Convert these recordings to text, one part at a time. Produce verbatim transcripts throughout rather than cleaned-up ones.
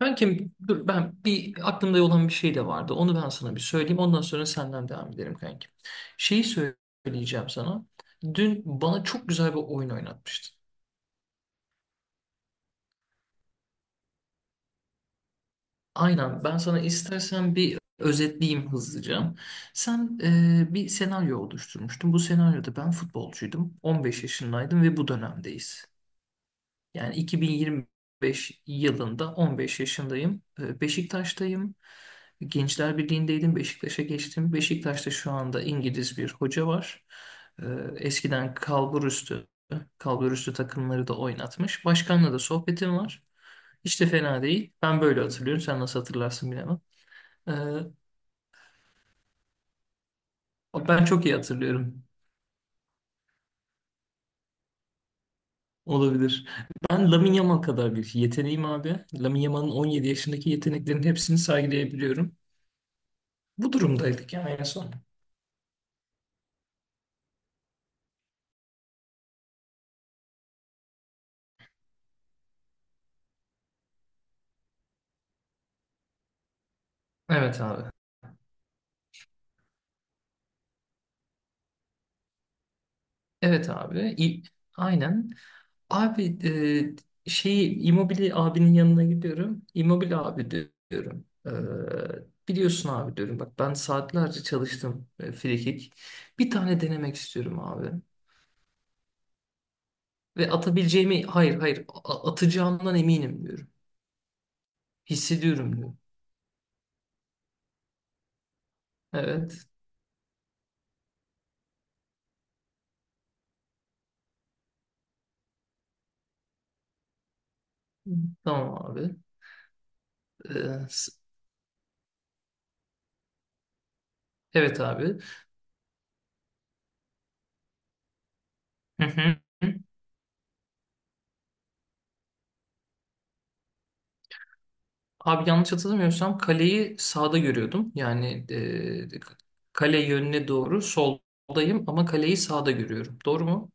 Kankim dur ben bir aklımda olan bir şey de vardı. Onu ben sana bir söyleyeyim. Ondan sonra senden devam edelim kankim. Şeyi söyleyeceğim sana. Dün bana çok güzel bir oyun oynatmıştın. Aynen ben sana istersen bir özetleyeyim hızlıca. Sen e, bir senaryo oluşturmuştun. Bu senaryoda ben futbolcuydum. on beş yaşındaydım ve bu dönemdeyiz. Yani iki bin yirmi beş yılında on beş yaşındayım. Ee, Beşiktaş'tayım. Gençler Birliği'ndeydim. Beşiktaş'a geçtim. Beşiktaş'ta şu anda İngiliz bir hoca var. Ee, Eskiden kalburüstü, kalburüstü takımları da oynatmış. Başkanla da sohbetim var. Hiç de fena değil. Ben böyle hatırlıyorum. Sen nasıl hatırlarsın bilemem. Ee, ben çok iyi hatırlıyorum. Olabilir. Ben Lamine Yamal kadar bir yeteneğim abi. Lamine Yamal'ın on yedi yaşındaki yeteneklerin hepsini sergileyebiliyorum. Bu durumdaydık yani en son. Evet abi. Evet abi. İ- Aynen. Abi e, şeyi Immobile abinin yanına gidiyorum. Immobile abi di- diyorum. E, biliyorsun abi diyorum. Bak ben saatlerce çalıştım e, free kick. Bir tane denemek istiyorum abi. Ve atabileceğimi hayır hayır a- atacağımdan eminim diyorum. Hissediyorum diyorum. Evet. Tamam abi. E, s- evet abi. Hı hı. Abi yanlış hatırlamıyorsam kaleyi sağda görüyordum. Yani e, kale yönüne doğru soldayım ama kaleyi sağda görüyorum. Doğru mu?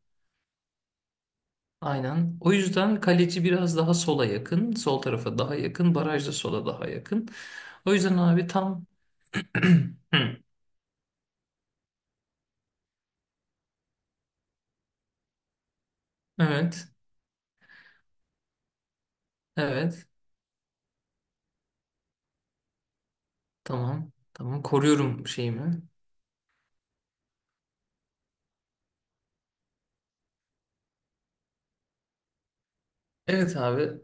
Aynen. O yüzden kaleci biraz daha sola yakın, sol tarafa daha yakın, baraj da sola daha yakın. O yüzden abi tam Hı. Evet, evet. Tamam. Tamam. Koruyorum şeyimi. Evet abi.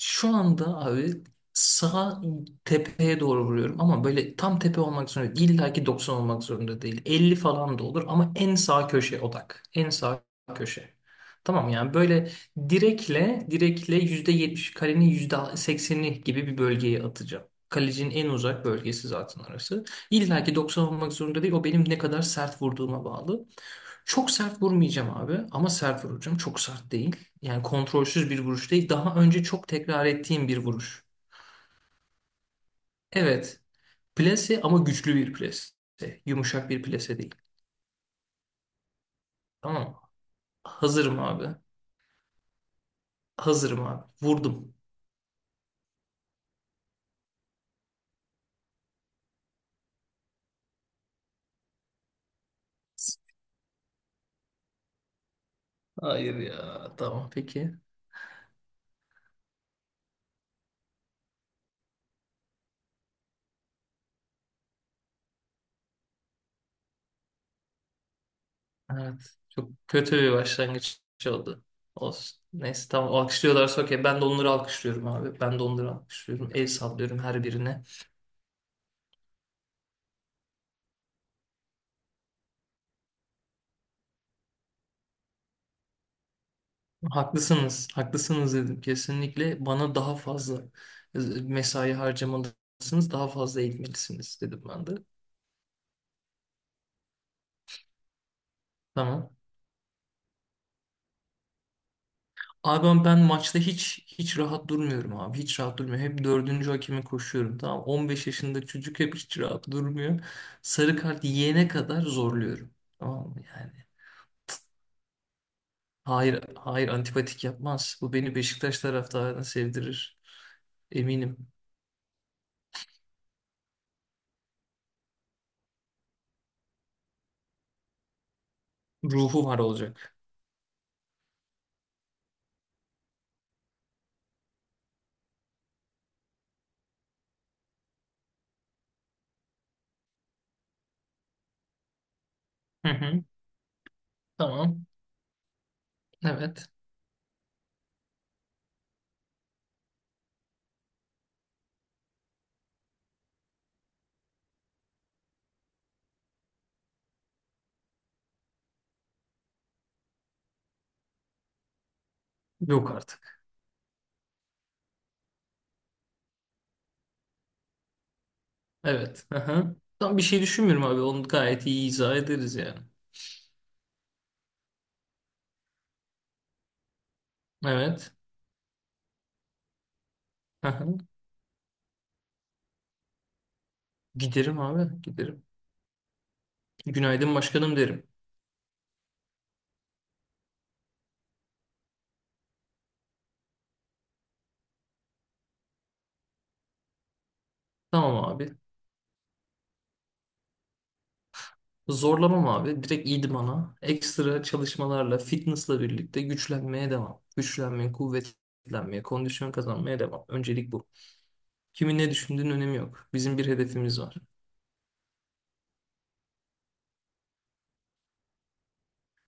Şu anda abi sağ tepeye doğru vuruyorum ama böyle tam tepe olmak zorunda değil. İlla ki doksan olmak zorunda değil. Elli falan da olur ama en sağ köşe odak. En sağ köşe. Tamam yani böyle direkle direkle yüzde yetmiş kalenin yüzde sekseni gibi bir bölgeye atacağım. Kalecinin en uzak bölgesi zaten orası. İlla ki doksan olmak zorunda değil. O benim ne kadar sert vurduğuma bağlı. Çok sert vurmayacağım abi ama sert vuracağım. Çok sert değil. Yani kontrolsüz bir vuruş değil. Daha önce çok tekrar ettiğim bir vuruş. Evet. Plase ama güçlü bir plase. Yumuşak bir plase değil. Tamam mı? Hazırım abi. Hazırım abi. Vurdum. Hayır ya. Tamam peki. Evet. Çok kötü bir başlangıç oldu. Olsun. Neyse tamam alkışlıyorlar okey. Ben de onları alkışlıyorum abi. Ben de onları alkışlıyorum. El sallıyorum her birine. Haklısınız, haklısınız dedim. Kesinlikle bana daha fazla e, mesai harcamalısınız, daha fazla eğitmelisiniz dedim ben de. Tamam. Abi ben ben maçta hiç hiç rahat durmuyorum abi. Hiç rahat durmuyorum. Hep dördüncü hakeme koşuyorum. Tamam. On beş yaşında çocuk hep hiç rahat durmuyor. Sarı kart yiyene kadar zorluyorum. Tamam mı yani? Hayır, hayır antipatik yapmaz. Bu beni Beşiktaş taraftarına sevdirir. Eminim. Ruhu var olacak. Hı hı. Tamam. Evet. Yok artık. Evet. Aha. Tam bir şey düşünmüyorum abi. Onu gayet iyi izah ederiz yani. Evet. Aha. Giderim abi. Giderim. Günaydın başkanım derim. Tamam abi. Zorlamam abi. Direkt idmana. Ekstra çalışmalarla, fitnessla birlikte güçlenmeye devam. Güçlenmeye, kuvvetlenmeye, kondisyon kazanmaya devam. Öncelik bu. Kimin ne düşündüğünün önemi yok. Bizim bir hedefimiz var.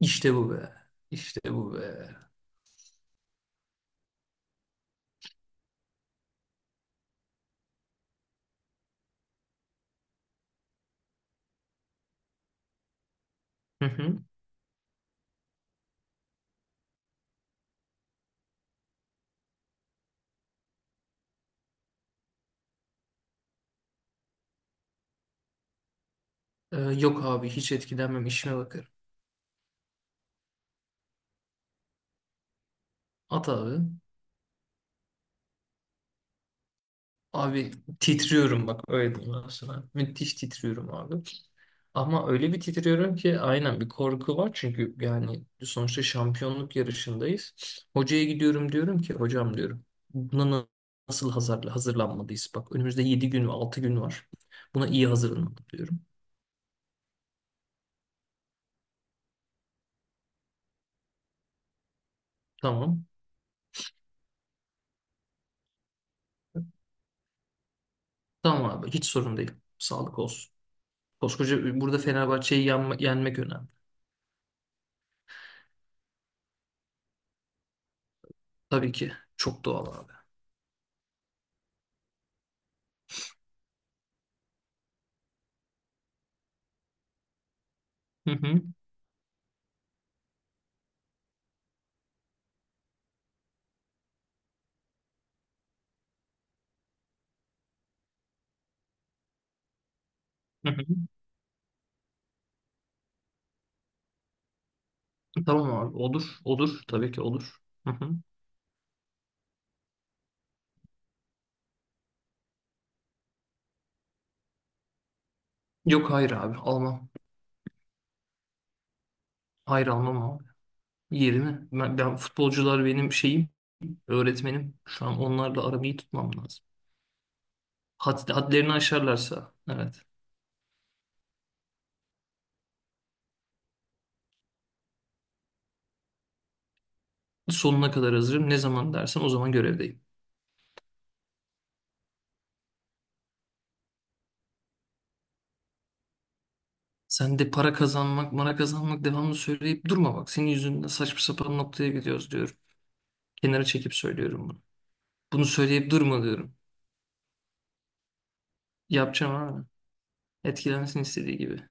İşte bu be. İşte bu be. Hı hı. Ee, yok abi hiç etkilenmem, işime bakarım. At abi. Abi titriyorum bak öyle diyeyim ben sana. Müthiş titriyorum abi. Ama öyle bir titriyorum ki aynen bir korku var. Çünkü yani sonuçta şampiyonluk yarışındayız. Hocaya gidiyorum diyorum ki hocam diyorum. Buna na- nasıl hazır, hazırlanmalıyız? Bak önümüzde yedi gün ve altı gün var. Buna iyi hazırlanmalı diyorum. Tamam. Tamam abi hiç sorun değil. Sağlık olsun. Koskoca burada Fenerbahçe'yi yenme- yenmek önemli. Tabii ki. Çok doğal abi. Hı hı. Hı hı. Tamam abi olur. Olur. Tabii ki olur. Hı hı. Yok hayır abi almam. Hayır almam abi. Yerine ben, ben futbolcular benim şeyim, öğretmenim. Şu an onlarla aramı iyi tutmam lazım. Had, hadlerini aşarlarsa evet. Sonuna kadar hazırım. Ne zaman dersen o zaman görevdeyim. Sen de para kazanmak, mara kazanmak devamlı söyleyip durma bak. Senin yüzünden saçma sapan noktaya gidiyoruz diyorum. Kenara çekip söylüyorum bunu. Bunu söyleyip durma diyorum. Yapacağım abi. Etkilensin istediği gibi.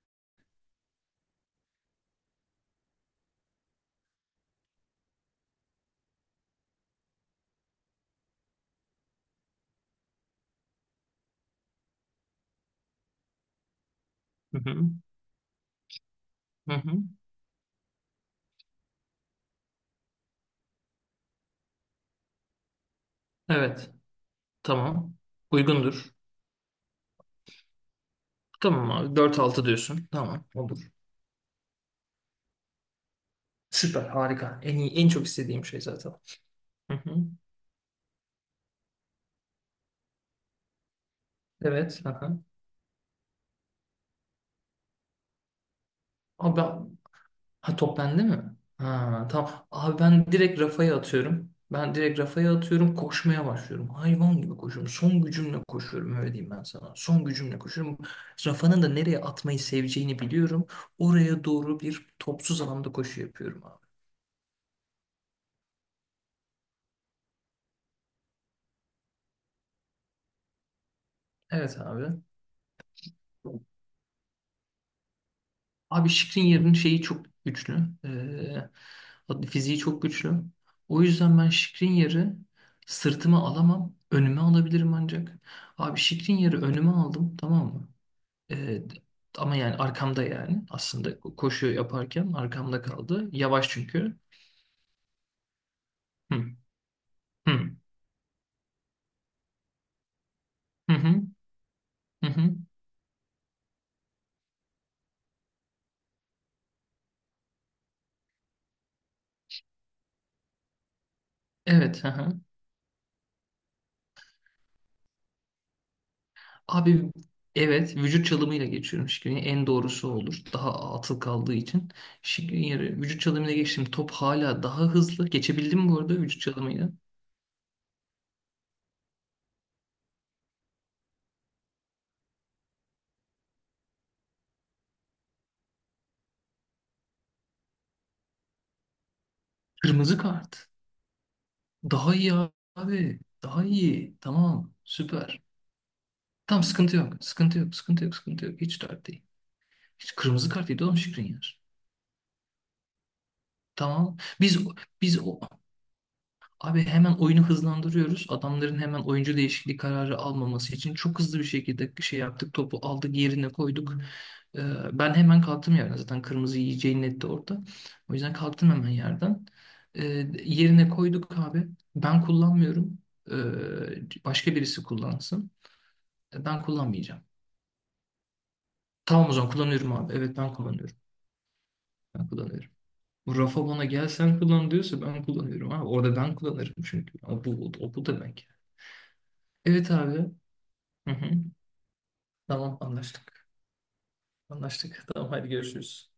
Hı hı. Hı hı. Evet. Tamam. Uygundur. Tamam abi dört altı diyorsun. Tamam olur. Süper harika. En iyi, en çok istediğim şey zaten. Hı hı. Evet. Hı. Abi ben- ha, top bende mi? Ha, tamam. Abi ben direkt Rafa'ya atıyorum. Ben direkt Rafa'ya atıyorum. Koşmaya başlıyorum. Hayvan gibi koşuyorum. Son gücümle koşuyorum öyle diyeyim ben sana. Son gücümle koşuyorum. Rafa'nın da nereye atmayı seveceğini biliyorum. Oraya doğru bir topsuz alanda koşu yapıyorum abi. Evet abi. Abi Şikrin şeyi çok güçlü. Ee, adı- fiziği çok güçlü. O yüzden ben Şikrin sırtıma alamam. Önüme alabilirim ancak. Abi Şikrin önüme aldım, tamam mı? Ee, ama yani arkamda yani. Aslında koşu yaparken arkamda kaldı. Yavaş çünkü. Hı, hı, hı, hı, hı. Hı. Evet. Hı hı. Abi evet, vücut çalımıyla geçiyorum Şikrinya'ya. En doğrusu olur. Daha atıl kaldığı için. Şikrinya'yı vücut çalımıyla geçtim. Top hala daha hızlı. Geçebildim bu arada vücut çalımıyla. Kırmızı kart. Daha iyi abi. Daha iyi. Tamam. Süper. Tamam, sıkıntı yok. Sıkıntı yok. Sıkıntı yok. Sıkıntı yok. Hiç dert değil. Hiç kırmızı kart yedi oğlum Şikrinyar. Tamam. Biz biz o Abi hemen oyunu hızlandırıyoruz. Adamların hemen oyuncu değişikliği kararı almaması için çok hızlı bir şekilde şey yaptık. Topu aldık, yerine koyduk. Ee, ben hemen kalktım yerden. Zaten kırmızı yiyeceği netti orada. O yüzden kalktım hemen yerden. Ee, yerine koyduk abi. Ben kullanmıyorum. Ee, başka birisi kullansın. Ee, Ben kullanmayacağım. Tamam, o zaman kullanıyorum abi. Evet, ben kullanıyorum. Ben kullanıyorum. Bu Rafa bana gel sen kullan diyorsa ben kullanıyorum abi. Orada ben kullanırım çünkü. Ama bu, o bu demek. Yani. Evet abi. Hı hı. Tamam, anlaştık. Anlaştık. Tamam, hadi görüşürüz.